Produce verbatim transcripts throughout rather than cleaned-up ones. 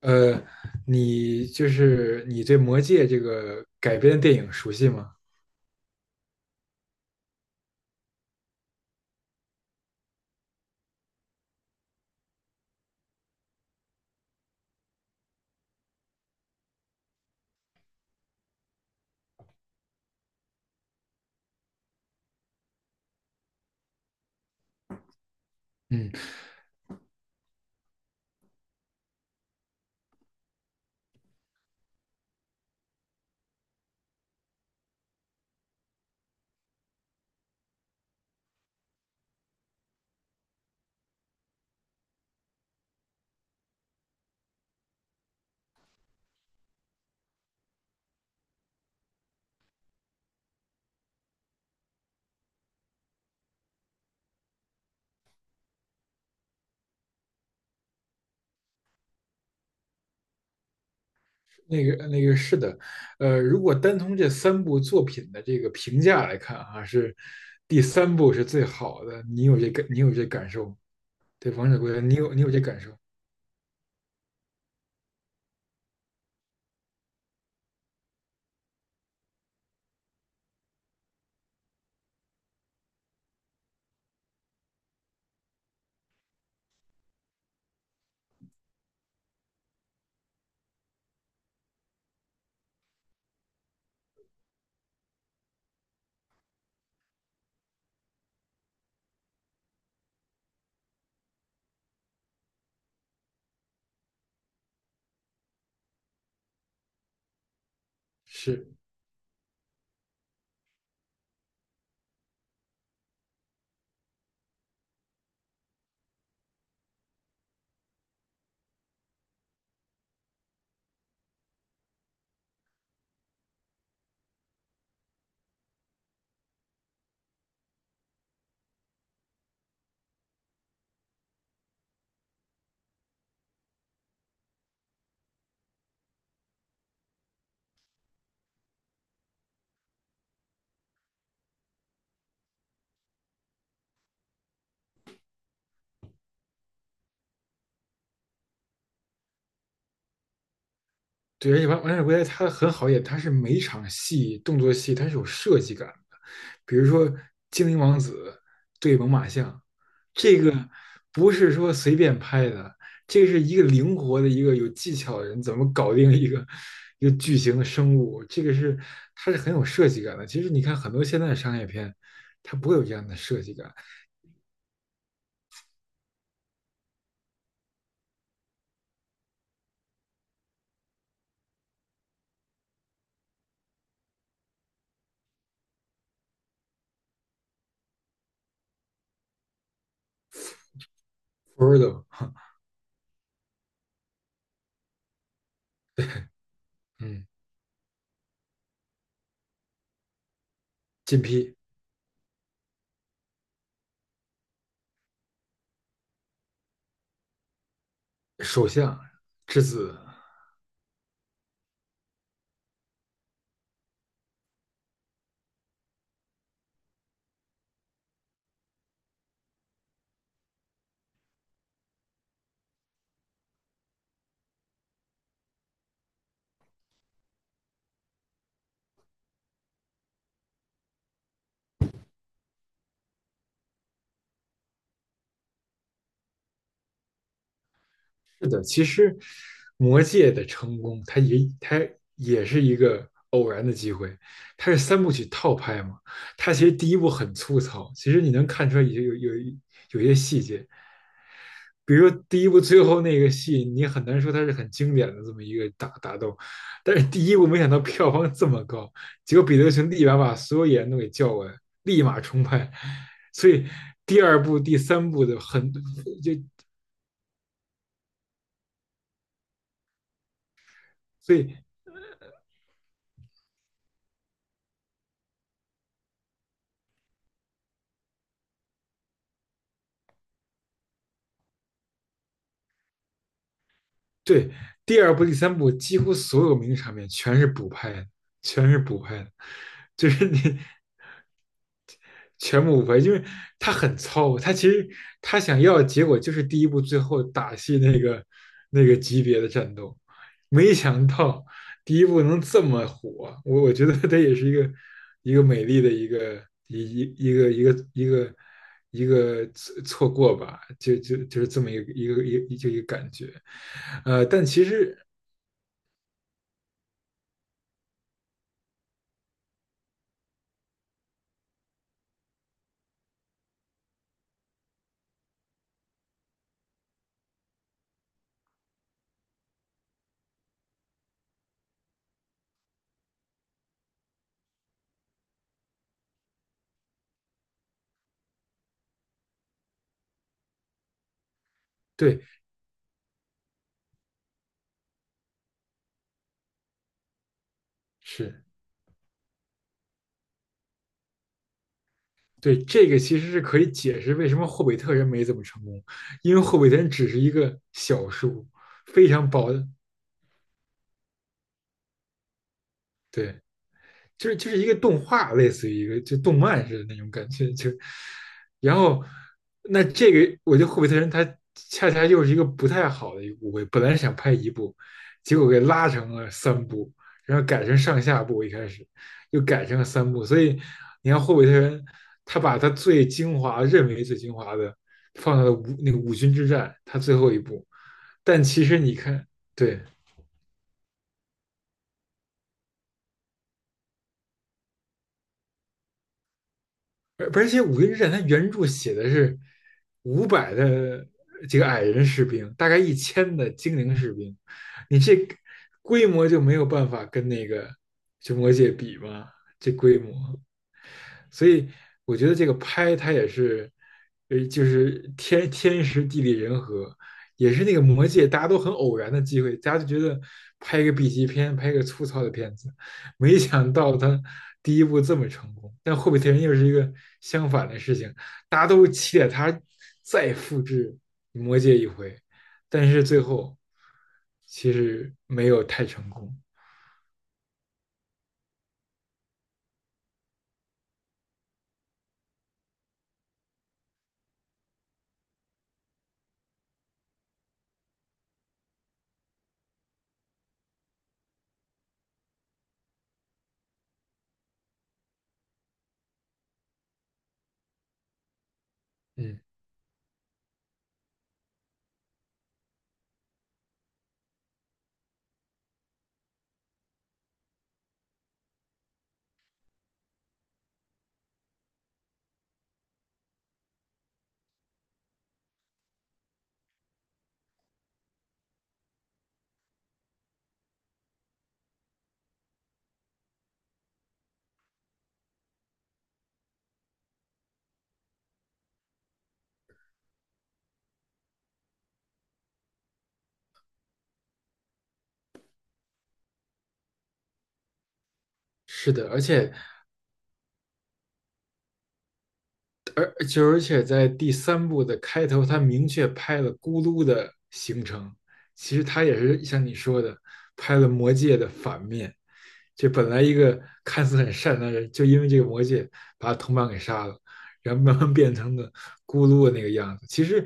呃，你就是你对《魔戒》这个改编的电影熟悉吗？嗯，那个那个是的。呃，如果单从这三部作品的这个评价来看啊，是第三部是最好的。你有这个，你有这感受吗？对《王者归来》，你有你有这感受？是，对，而且《王王者归来》它很好演，它是每一场戏动作戏它是有设计感的。比如说精灵王子对猛犸象，这个不是说随便拍的，这是一个灵活的一个有技巧的人怎么搞定一个一个巨型的生物。这个是它是很有设计感的。其实你看很多现在的商业片，它不会有这样的设计感。Frodo。嗯。金批。首相之子。是的，其实魔戒的成功，它也它也是一个偶然的机会。它是三部曲套拍嘛，它其实第一部很粗糙，其实你能看出来有有有有一些细节。比如说第一部最后那个戏，你很难说它是很经典的这么一个打打斗，但是第一部没想到票房这么高，结果彼得熊立马把所有演员都给叫过来，立马重拍。所以第二部、第三部的很就所以对，第二部、第三部几乎所有名的场面全是补拍的，全是补拍的，就是你全部补拍。因为他很糙，他其实他想要的结果就是第一部最后打戏那个那个级别的战斗，没想到第一部能这么火。我我觉得他也是一个一个美丽的一个一一一个一个一个一个错过吧，就就就是这么一个一个一就一个感觉。呃，但其实，对，是，对，这个其实是可以解释为什么霍比特人没怎么成功。因为霍比特人只是一个小数，非常薄的，对。就是就是一个动画，类似于一个就动漫似的那种感觉。就然后那这个我觉得《霍比特人》他恰恰又是一个不太好的一个误会。本来是想拍一部，结果给拉成了三部，然后改成上下部，一开始又改成了三部。所以你看《霍比特人》，他把他最精华认为最精华的放到了五那个五军之战，他最后一部。但其实你看，对，而而且《五林之战》它原著写的是五百的这个矮人士兵，大概一千的精灵士兵。你这规模就没有办法跟那个就魔界比吗？这规模，所以我觉得这个拍它也是，呃，就是天天时地利人和。也是那个魔戒大家都很偶然的机会，大家就觉得拍一个 B 级片，拍一个粗糙的片子，没想到他第一部这么成功。但《霍比特人》又是一个相反的事情，大家都期待他再复制魔戒一回，但是最后其实没有太成功。嗯，是的，而且而就而且在第三部的开头，他明确拍了咕噜的形成。其实他也是像你说的，拍了魔戒的反面。这本来一个看似很善良的人，就因为这个魔戒把他同伴给杀了，然后慢慢变成了咕噜的那个样子。其实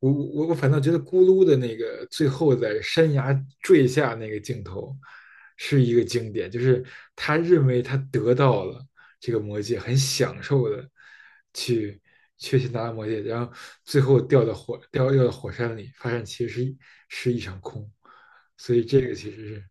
我我我反倒觉得咕噜的那个最后在山崖坠下那个镜头是一个经典。就是他认为他得到了这个魔戒，很享受的去去去拿到魔戒，然后最后掉到火掉掉到火山里，发现其实是是一场空。所以这个其实是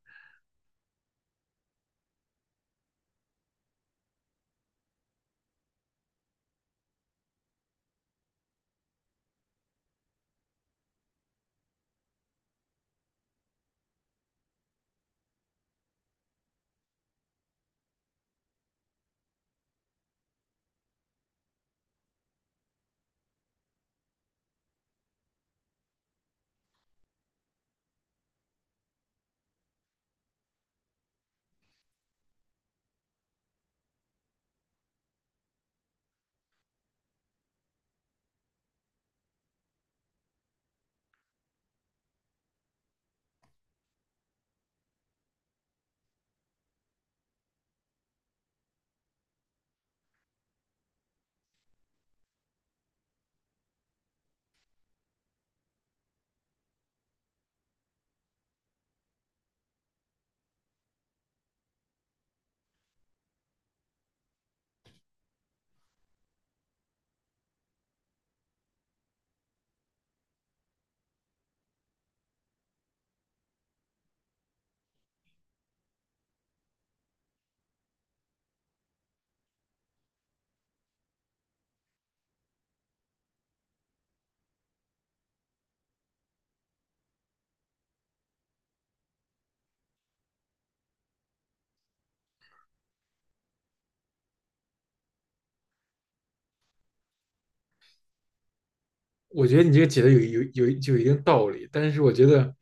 我觉得你这个解的有有有就有一定道理，但是我觉得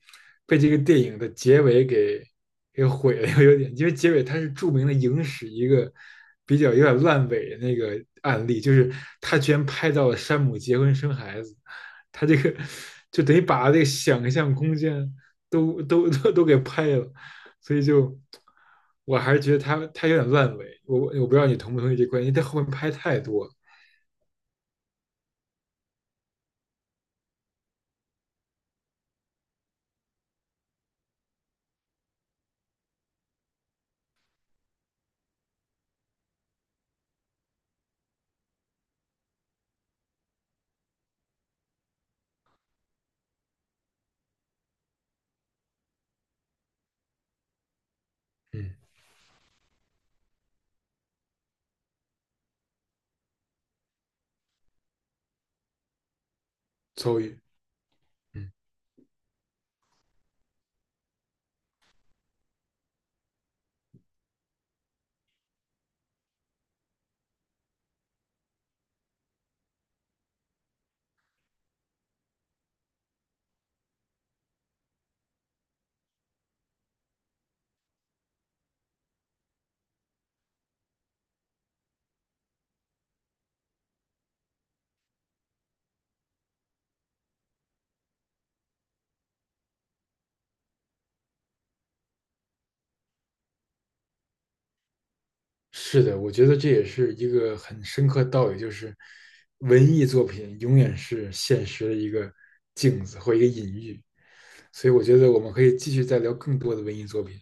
被这个电影的结尾给给毁了，有点。因为结尾它是著名的影史一个比较有点烂尾的那个案例，就是他居然拍到了山姆结婚生孩子。他这个就等于把这个想象空间都都都都给拍了。所以就我还是觉得他他有点烂尾。我我不知道你同不同意这观点，因为他后面拍太多了。嗯，遭遇。嗯。是的，我觉得这也是一个很深刻的道理，就是文艺作品永远是现实的一个镜子或一个隐喻。所以我觉得我们可以继续再聊更多的文艺作品。